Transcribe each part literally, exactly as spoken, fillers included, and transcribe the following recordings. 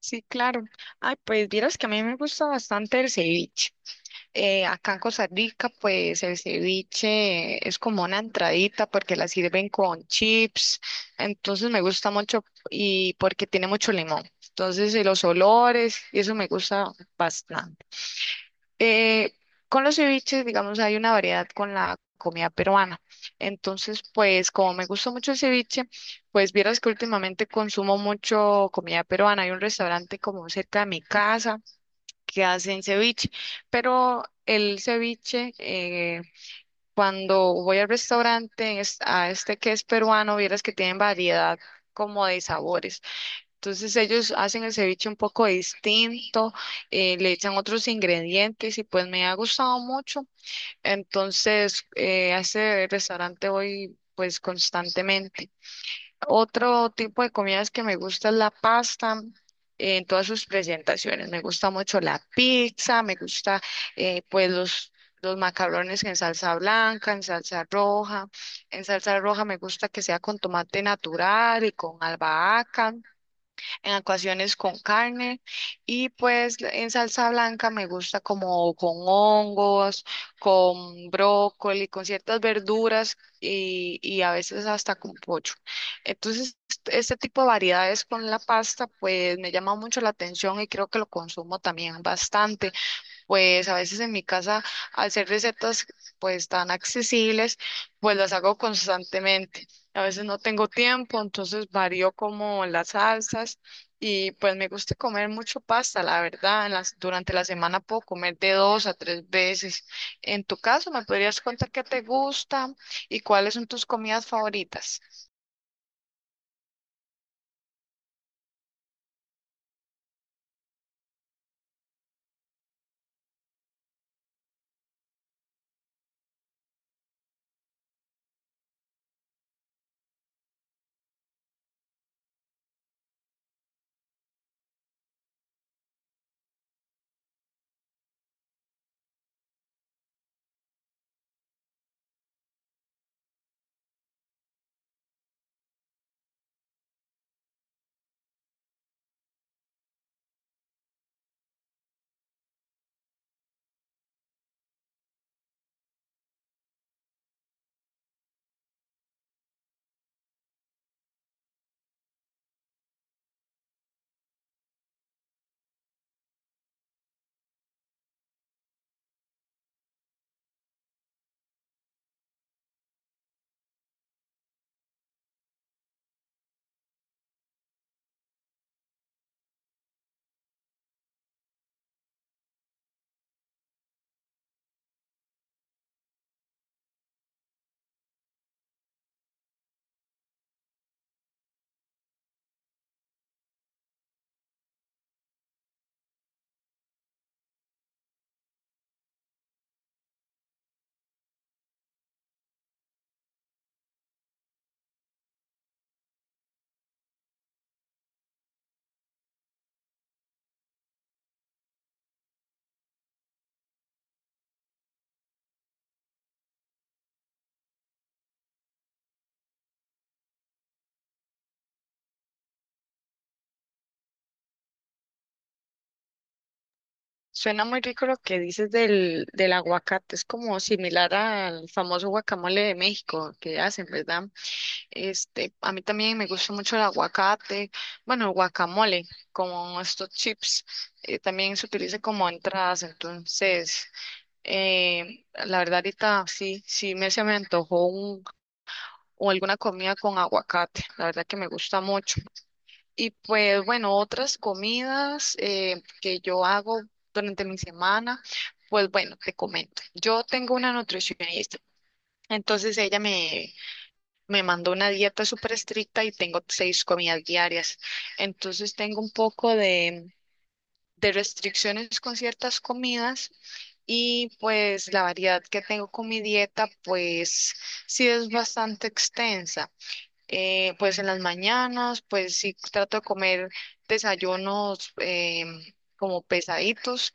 Sí, claro. Ay, pues vieras que a mí me gusta bastante el ceviche. Eh, acá en Costa Rica, pues el ceviche es como una entradita porque la sirven con chips. Entonces me gusta mucho y porque tiene mucho limón. Entonces, y los olores, y eso me gusta bastante. Eh, con los ceviches, digamos, hay una variedad con la comida peruana. Entonces, pues como me gusta mucho el ceviche, pues vieras que últimamente consumo mucho comida peruana. Hay un restaurante como cerca de mi casa que hacen ceviche, pero el ceviche, eh, cuando voy al restaurante en es- a este que es peruano, vieras que tienen variedad como de sabores. Entonces ellos hacen el ceviche un poco distinto, eh, le echan otros ingredientes y pues me ha gustado mucho. Entonces eh, a ese restaurante voy pues constantemente. Otro tipo de comidas que me gusta es la pasta. eh, En todas sus presentaciones. Me gusta mucho la pizza, me gusta eh, pues los, los macarrones en salsa blanca, en salsa roja. En salsa roja me gusta que sea con tomate natural y con albahaca en ocasiones con carne y pues la- en salsa blanca me gusta como con hongos, con brócoli, con ciertas verduras y, y a veces hasta con pollo. Entonces, este tipo de variedades con la pasta pues me llama mucho la atención y creo que lo consumo también bastante. Pues a veces en mi casa, al ser recetas pues tan accesibles, pues las hago constantemente. A veces no tengo tiempo, entonces varío como las salsas y pues me gusta comer mucho pasta, la verdad. En las, durante la semana puedo comer de dos a tres veces. En tu caso, ¿me podrías contar qué te gusta y cuáles son tus comidas favoritas? Suena muy rico lo que dices del, del aguacate, es como similar al famoso guacamole de México que hacen, ¿verdad? Este, a mí también me gusta mucho el aguacate, bueno, el guacamole, como estos chips, eh, también se utiliza como entradas, entonces, eh, la verdad ahorita sí, sí me se me antojó un, o alguna comida con aguacate, la verdad que me gusta mucho. Y pues bueno, otras comidas eh, que yo hago durante mi semana, pues bueno, te comento, yo tengo una nutricionista. Entonces ella me, me mandó una dieta súper estricta y tengo seis comidas diarias. Entonces tengo un poco de, de restricciones con ciertas comidas y pues la variedad que tengo con mi dieta pues sí es bastante extensa. Eh, pues en las mañanas pues sí trato de comer desayunos em, como pesaditos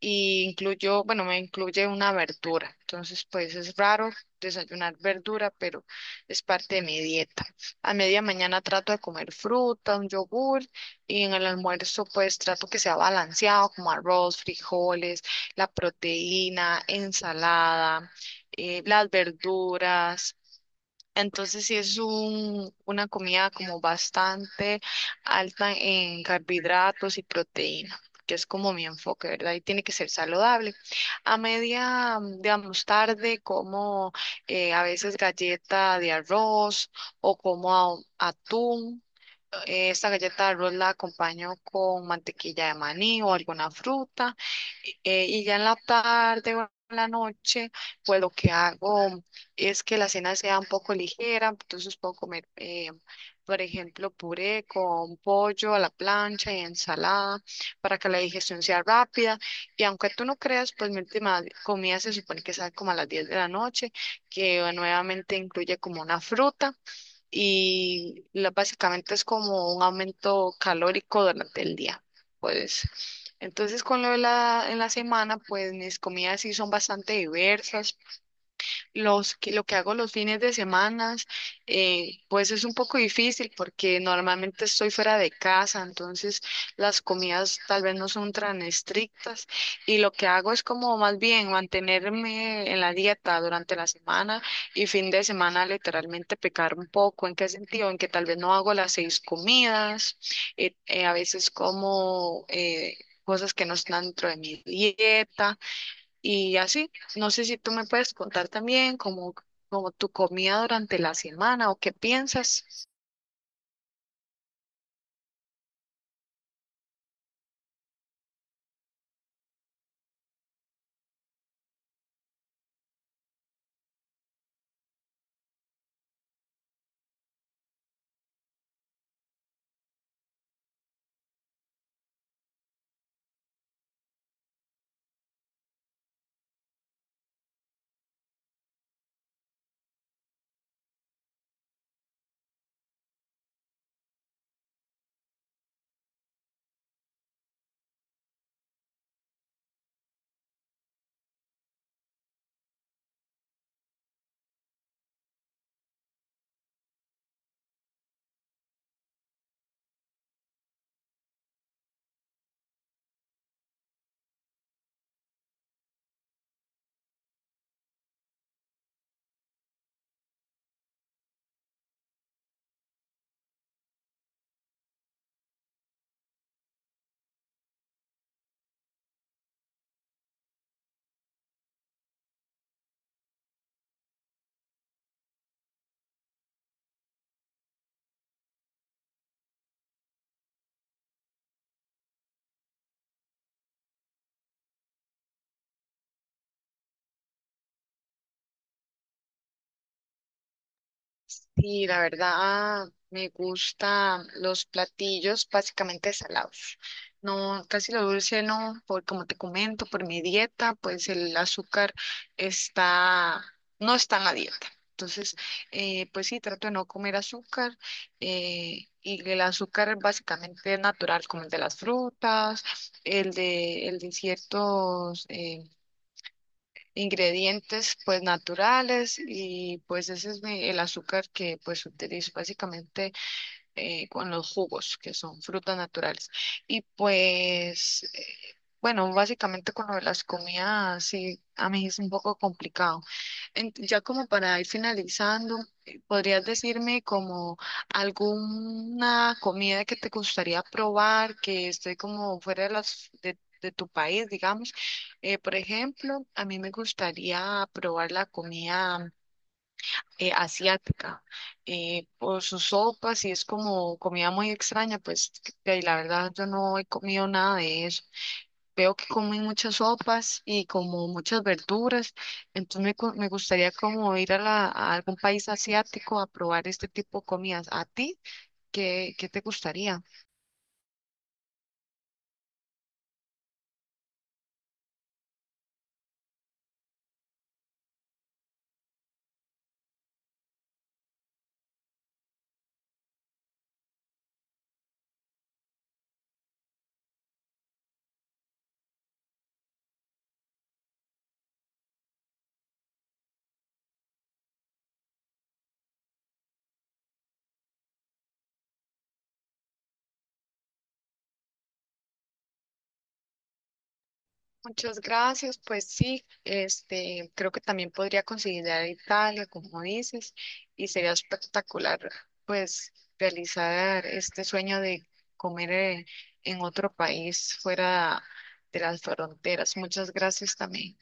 y incluyo, bueno, me incluye una verdura. Entonces, pues es raro desayunar verdura, pero es parte de mi dieta. A media mañana trato de comer fruta, un yogur y en el almuerzo pues trato que sea balanceado, como arroz, frijoles, la proteína, ensalada, eh, las verduras. Entonces sí es un, una comida como bastante alta en carbohidratos y proteína, que es como mi enfoque, ¿verdad? Y tiene que ser saludable. A media, mm, digamos, tarde como eh, a veces galleta de arroz o como a- atún. Esta galleta de arroz la acompaño con mantequilla de maní o alguna fruta. Eh, y ya en la tarde o en la noche, pues lo que hago es que la cena sea un poco ligera, entonces puedo comer, eh, por ejemplo, puré con pollo a la plancha y ensalada para que la digestión sea rápida. Y aunque tú no creas, pues mi última comida se supone que sale como a las diez de la noche, que nuevamente incluye como una fruta y la- básicamente es como un aumento calórico durante el día. Pues entonces con lo de la en la semana, pues mis comidas sí son bastante diversas los, que- lo que hago los fines de semana, eh, pues es un poco difícil porque normalmente estoy fuera de casa, entonces las comidas tal vez no son tan estrictas y lo que hago es como más bien mantenerme en la dieta durante la semana y fin de semana literalmente pecar un poco. ¿En qué sentido? En que tal vez no hago las seis comidas, eh, eh, a veces como... eh, cosas que no están dentro de mi dieta, y así, no sé si tú me puedes contar también como, como tu comida durante la semana o qué piensas. Sí, la verdad, me gustan los platillos básicamente salados. No, casi lo dulce no, por como te comento, por mi dieta, pues el azúcar está, no está en la dieta. Entonces, eh, pues sí, trato de no comer azúcar eh, y el azúcar básicamente es natural, como el de las frutas, el de, el de ciertos eh, ingredientes pues naturales y pues ese es mi- el azúcar que pues utilizo básicamente eh, con los jugos, que son frutas naturales. Y pues, eh, bueno, básicamente con lo de las comidas, sí, a mí es un poco complicado. En- ya como para ir finalizando, eh, ¿podrías decirme como alguna comida que te gustaría probar, que esté como fuera de las... de de tu país, digamos? Eh, por ejemplo, a mí me gustaría probar la comida eh, asiática eh, por sus sopas y es como comida muy extraña, pues que- que la verdad yo no he comido nada de eso. Veo que comen muchas sopas y como muchas verduras, entonces me, gu- me gustaría como ir a, la, a algún país asiático a probar este tipo de comidas. ¿A ti qué, qué te gustaría? Muchas gracias, pues sí, este, creo que también podría considerar Italia, como dices, y sería espectacular, pues, realizar este sueño de comer eh, en otro país fuera de las fronteras. Muchas gracias también.